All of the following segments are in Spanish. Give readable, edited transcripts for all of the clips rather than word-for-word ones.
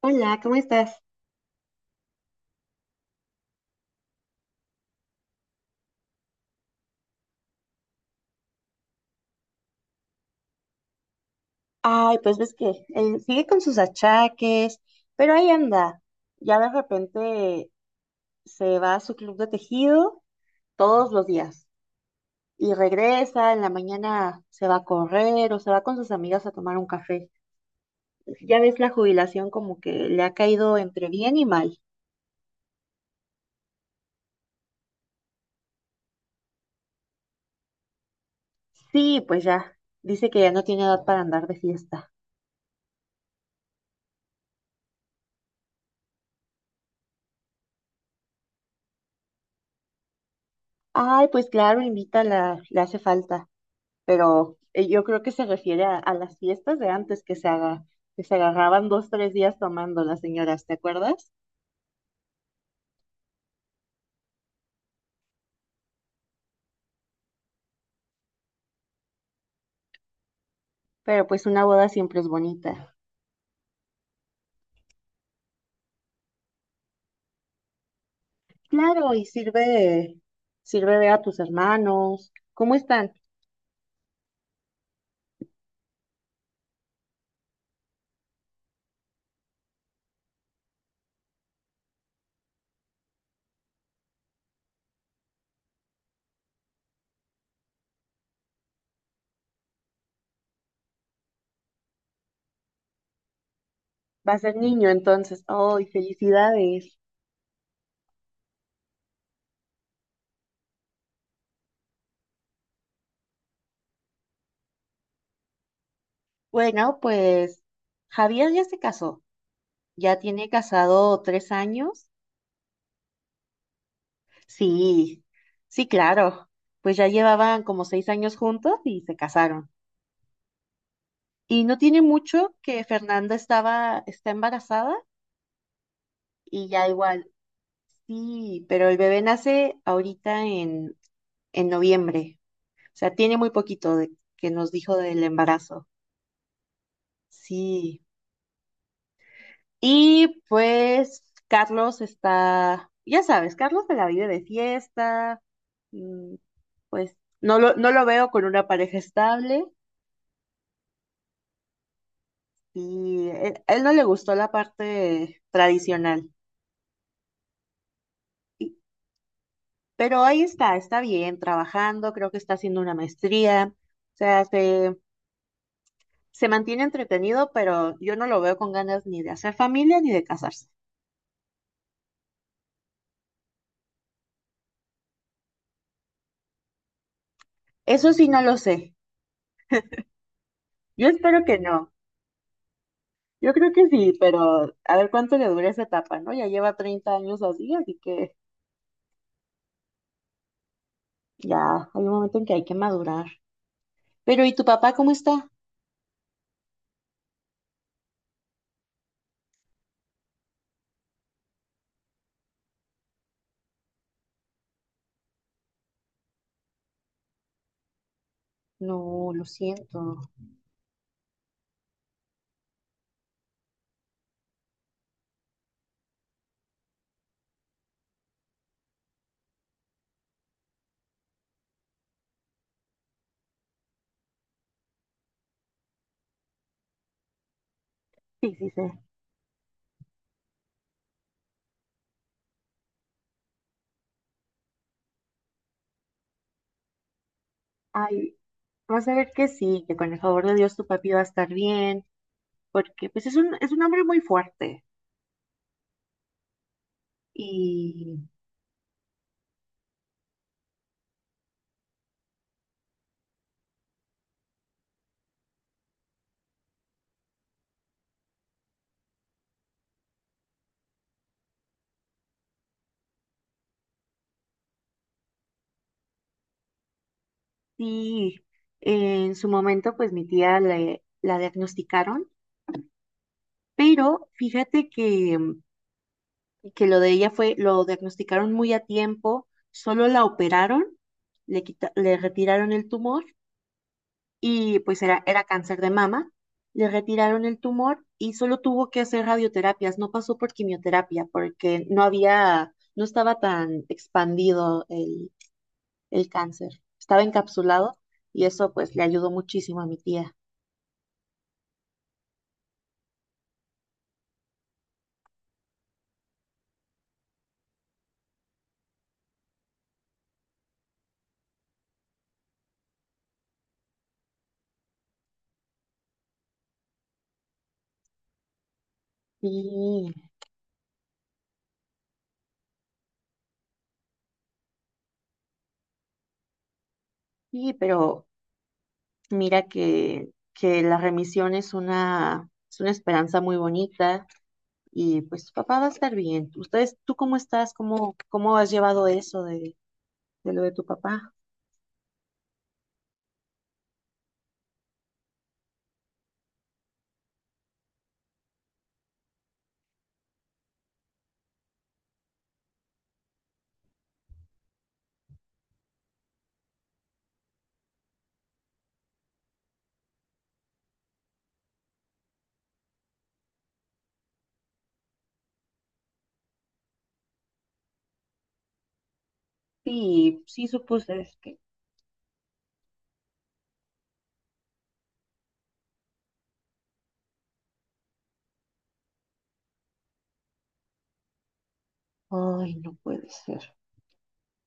Hola, ¿cómo estás? Ay, pues ves que él sigue con sus achaques, pero ahí anda. Ya de repente se va a su club de tejido todos los días y regresa, en la mañana se va a correr o se va con sus amigas a tomar un café. Ya ves la jubilación como que le ha caído entre bien y mal. Sí, pues ya, dice que ya no tiene edad para andar de fiesta. Ay, pues claro, invítala, le hace falta. Pero yo creo que se refiere a, las fiestas de antes que se haga, que se agarraban 2, 3 días tomando las señoras, ¿te acuerdas? Pero pues una boda siempre es bonita. Claro, y sirve ver a tus hermanos. ¿Cómo están? Va a ser niño entonces. ¡Ay, felicidades! Bueno, pues Javier ya se casó. Ya tiene casado 3 años. Sí, sí, claro. Pues ya llevaban como 6 años juntos y se casaron. Y no tiene mucho que Fernanda está embarazada y ya igual, sí, pero el bebé nace ahorita en noviembre. O sea, tiene muy poquito que nos dijo del embarazo. Sí. Y pues Carlos está, ya sabes, Carlos se la vive de fiesta. mm, Pues no lo veo con una pareja estable y él no le gustó la parte tradicional. Pero ahí está, está bien, trabajando, creo que está haciendo una maestría, o sea, se mantiene entretenido, pero yo no lo veo con ganas ni de hacer familia ni de casarse. Eso sí, no lo sé. Yo espero que no. Yo creo que sí, pero a ver cuánto le dura esa etapa, ¿no? Ya lleva 30 años así, así que ya hay un momento en que hay que madurar. Pero ¿y tu papá cómo está? No, lo siento. Sí, sí, sí. Ay, vas a ver que sí, que con el favor de Dios tu papi va a estar bien porque pues es un hombre muy fuerte y sí, en su momento pues mi tía la diagnosticaron, pero fíjate que lo de ella lo diagnosticaron muy a tiempo, solo la operaron, le retiraron el tumor y pues era cáncer de mama, le retiraron el tumor y solo tuvo que hacer radioterapias, no pasó por quimioterapia porque no estaba tan expandido el cáncer. Estaba encapsulado y eso pues le ayudó muchísimo a mi tía. Sí, sí, pero mira que la remisión es una, esperanza muy bonita y pues tu papá va a estar bien. Tú cómo estás? ¿Cómo has llevado eso de lo de tu papá? Sí, sí, supuse es que. Ay, no puede ser.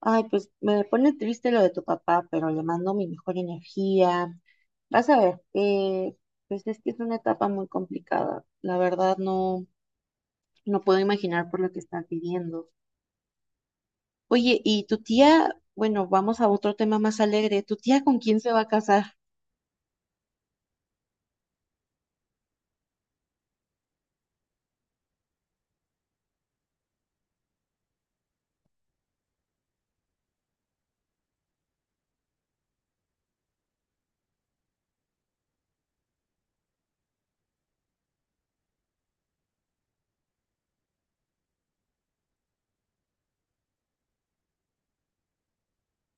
Ay, pues me pone triste lo de tu papá, pero le mando mi mejor energía. Vas a ver, pues es que es una etapa muy complicada. La verdad no puedo imaginar por lo que están pidiendo. Oye, y tu tía, bueno, vamos a otro tema más alegre. ¿Tu tía con quién se va a casar?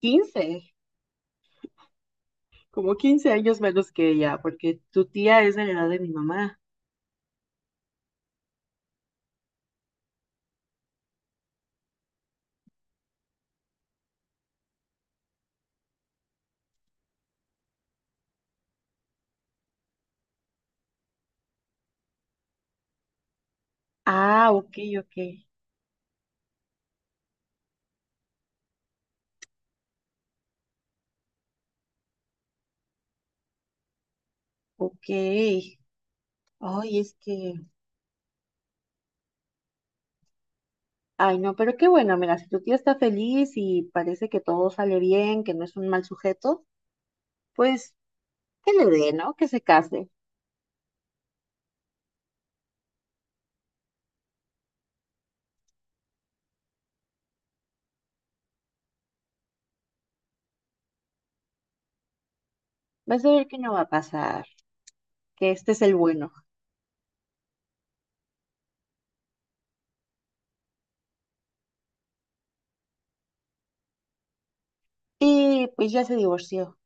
15. Como 15 años menos que ella, porque tu tía es de la edad de mi mamá. Ah, ok, ok, ok. Ay, es que, ay, no, pero qué bueno, mira, si tu tía está feliz y parece que todo sale bien, que no es un mal sujeto, pues que le dé, ¿no? Que se case. Vas a ver que no va a pasar, que este es el bueno. Y pues ya se divorció.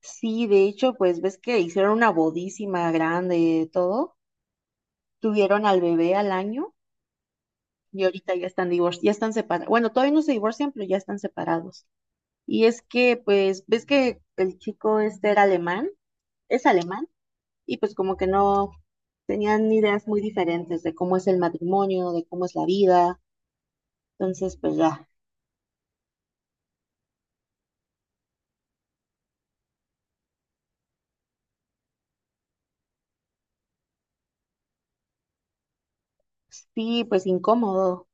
Sí, de hecho, pues ves que hicieron una bodísima grande y todo. Tuvieron al bebé al año y ahorita ya están ya están separados. Bueno, todavía no se divorcian, pero ya están separados. Y es que, pues, ves que el chico este es alemán, y pues como que no tenían ideas muy diferentes de cómo es el matrimonio, de cómo es la vida. Entonces, pues ya, sí, pues incómodo.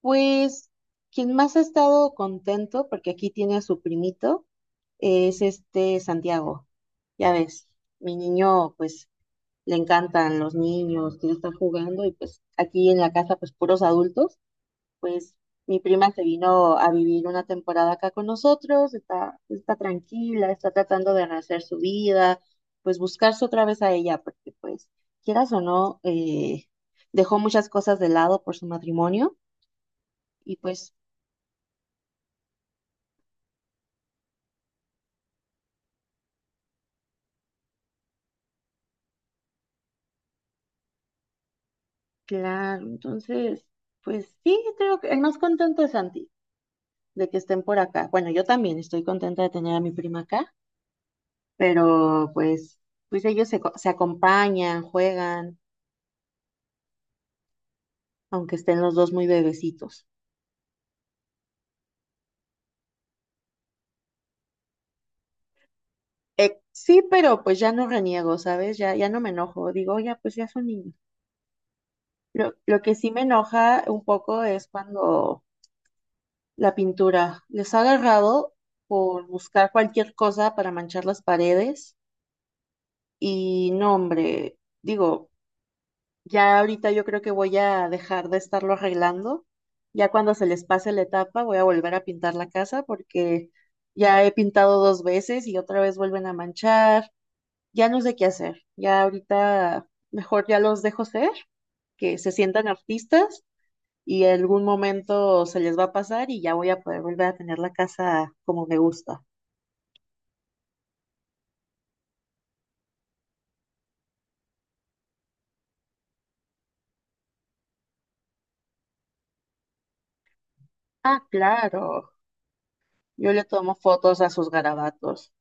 Pues quien más ha estado contento, porque aquí tiene a su primito, es este Santiago. Ya ves, mi niño, pues le encantan los niños, que están jugando y pues aquí en la casa, pues puros adultos. Pues mi prima se vino a vivir una temporada acá con nosotros, está tranquila, está tratando de rehacer su vida, pues buscarse otra vez a ella, porque pues quieras o no, dejó muchas cosas de lado por su matrimonio y pues claro. Entonces, pues sí, creo que el más contento es Santi de que estén por acá. Bueno, yo también estoy contenta de tener a mi prima acá, pero pues, ellos se acompañan, juegan, aunque estén los dos muy bebecitos. Sí, pero pues ya no reniego, ¿sabes? Ya, no me enojo. Digo, ya, pues ya son niños. Lo que sí me enoja un poco es cuando la pintura les ha agarrado por buscar cualquier cosa para manchar las paredes. Y no, hombre, digo, ya ahorita yo creo que voy a dejar de estarlo arreglando. Ya cuando se les pase la etapa, voy a volver a pintar la casa porque ya he pintado dos veces y otra vez vuelven a manchar. Ya no sé qué hacer. Ya ahorita mejor ya los dejo ser, que se sientan artistas y en algún momento se les va a pasar y ya voy a poder volver a tener la casa como me gusta. Ah, claro. Yo le tomo fotos a sus garabatos.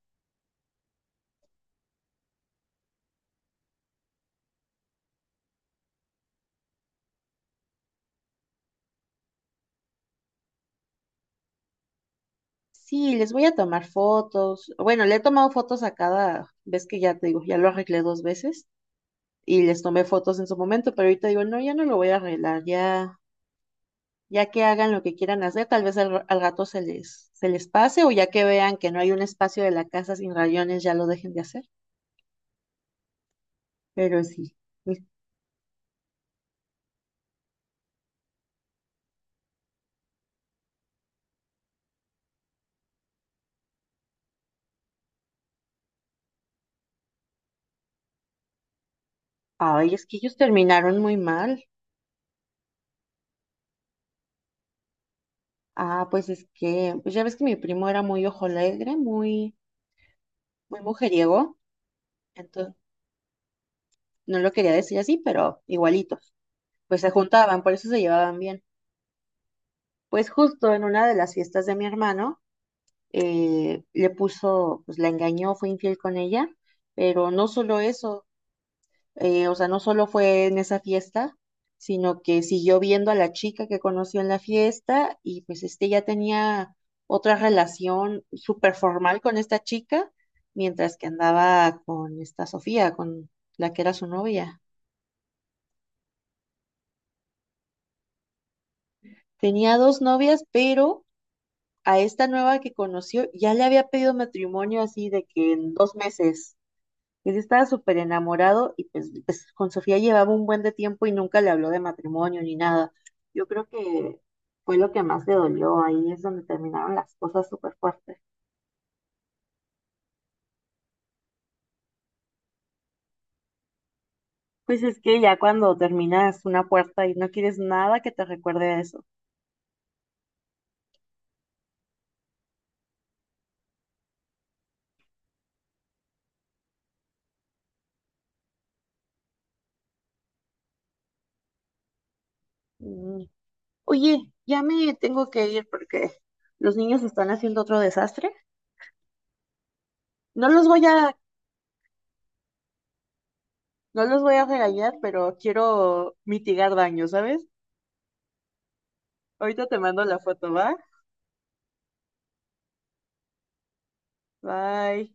Sí, les voy a tomar fotos. Bueno, le he tomado fotos a cada vez que ya te digo, ya lo arreglé dos veces y les tomé fotos en su momento, pero ahorita digo, no, ya no lo voy a arreglar, ya que hagan lo que quieran hacer, tal vez al rato se les pase o ya que vean que no hay un espacio de la casa sin rayones, ya lo dejen de hacer. Pero sí, mis- ay, es que ellos terminaron muy mal. Ah, pues es que, pues ya ves que mi primo era muy ojo alegre, muy, muy mujeriego, entonces no lo quería decir así, pero igualito. Pues se juntaban, por eso se llevaban bien. Pues justo en una de las fiestas de mi hermano, le puso, pues la engañó, fue infiel con ella, pero no solo eso, o sea, no solo fue en esa fiesta, sino que siguió viendo a la chica que conoció en la fiesta y pues este ya tenía otra relación súper formal con esta chica, mientras que andaba con esta Sofía, con la que era su novia. Tenía dos novias, pero a esta nueva que conoció, ya le había pedido matrimonio así de que en 2 meses. Él estaba súper enamorado y pues, con Sofía llevaba un buen de tiempo y nunca le habló de matrimonio ni nada. Yo creo que fue lo que más le dolió, ahí es donde terminaron las cosas súper fuertes. Pues es que ya cuando terminas una puerta y no quieres nada que te recuerde a eso. Mm. Oye, ya me tengo que ir porque los niños están haciendo otro desastre. No los voy a No los voy a regañar, pero quiero mitigar daño, ¿sabes? Ahorita te mando la foto, ¿va? Bye.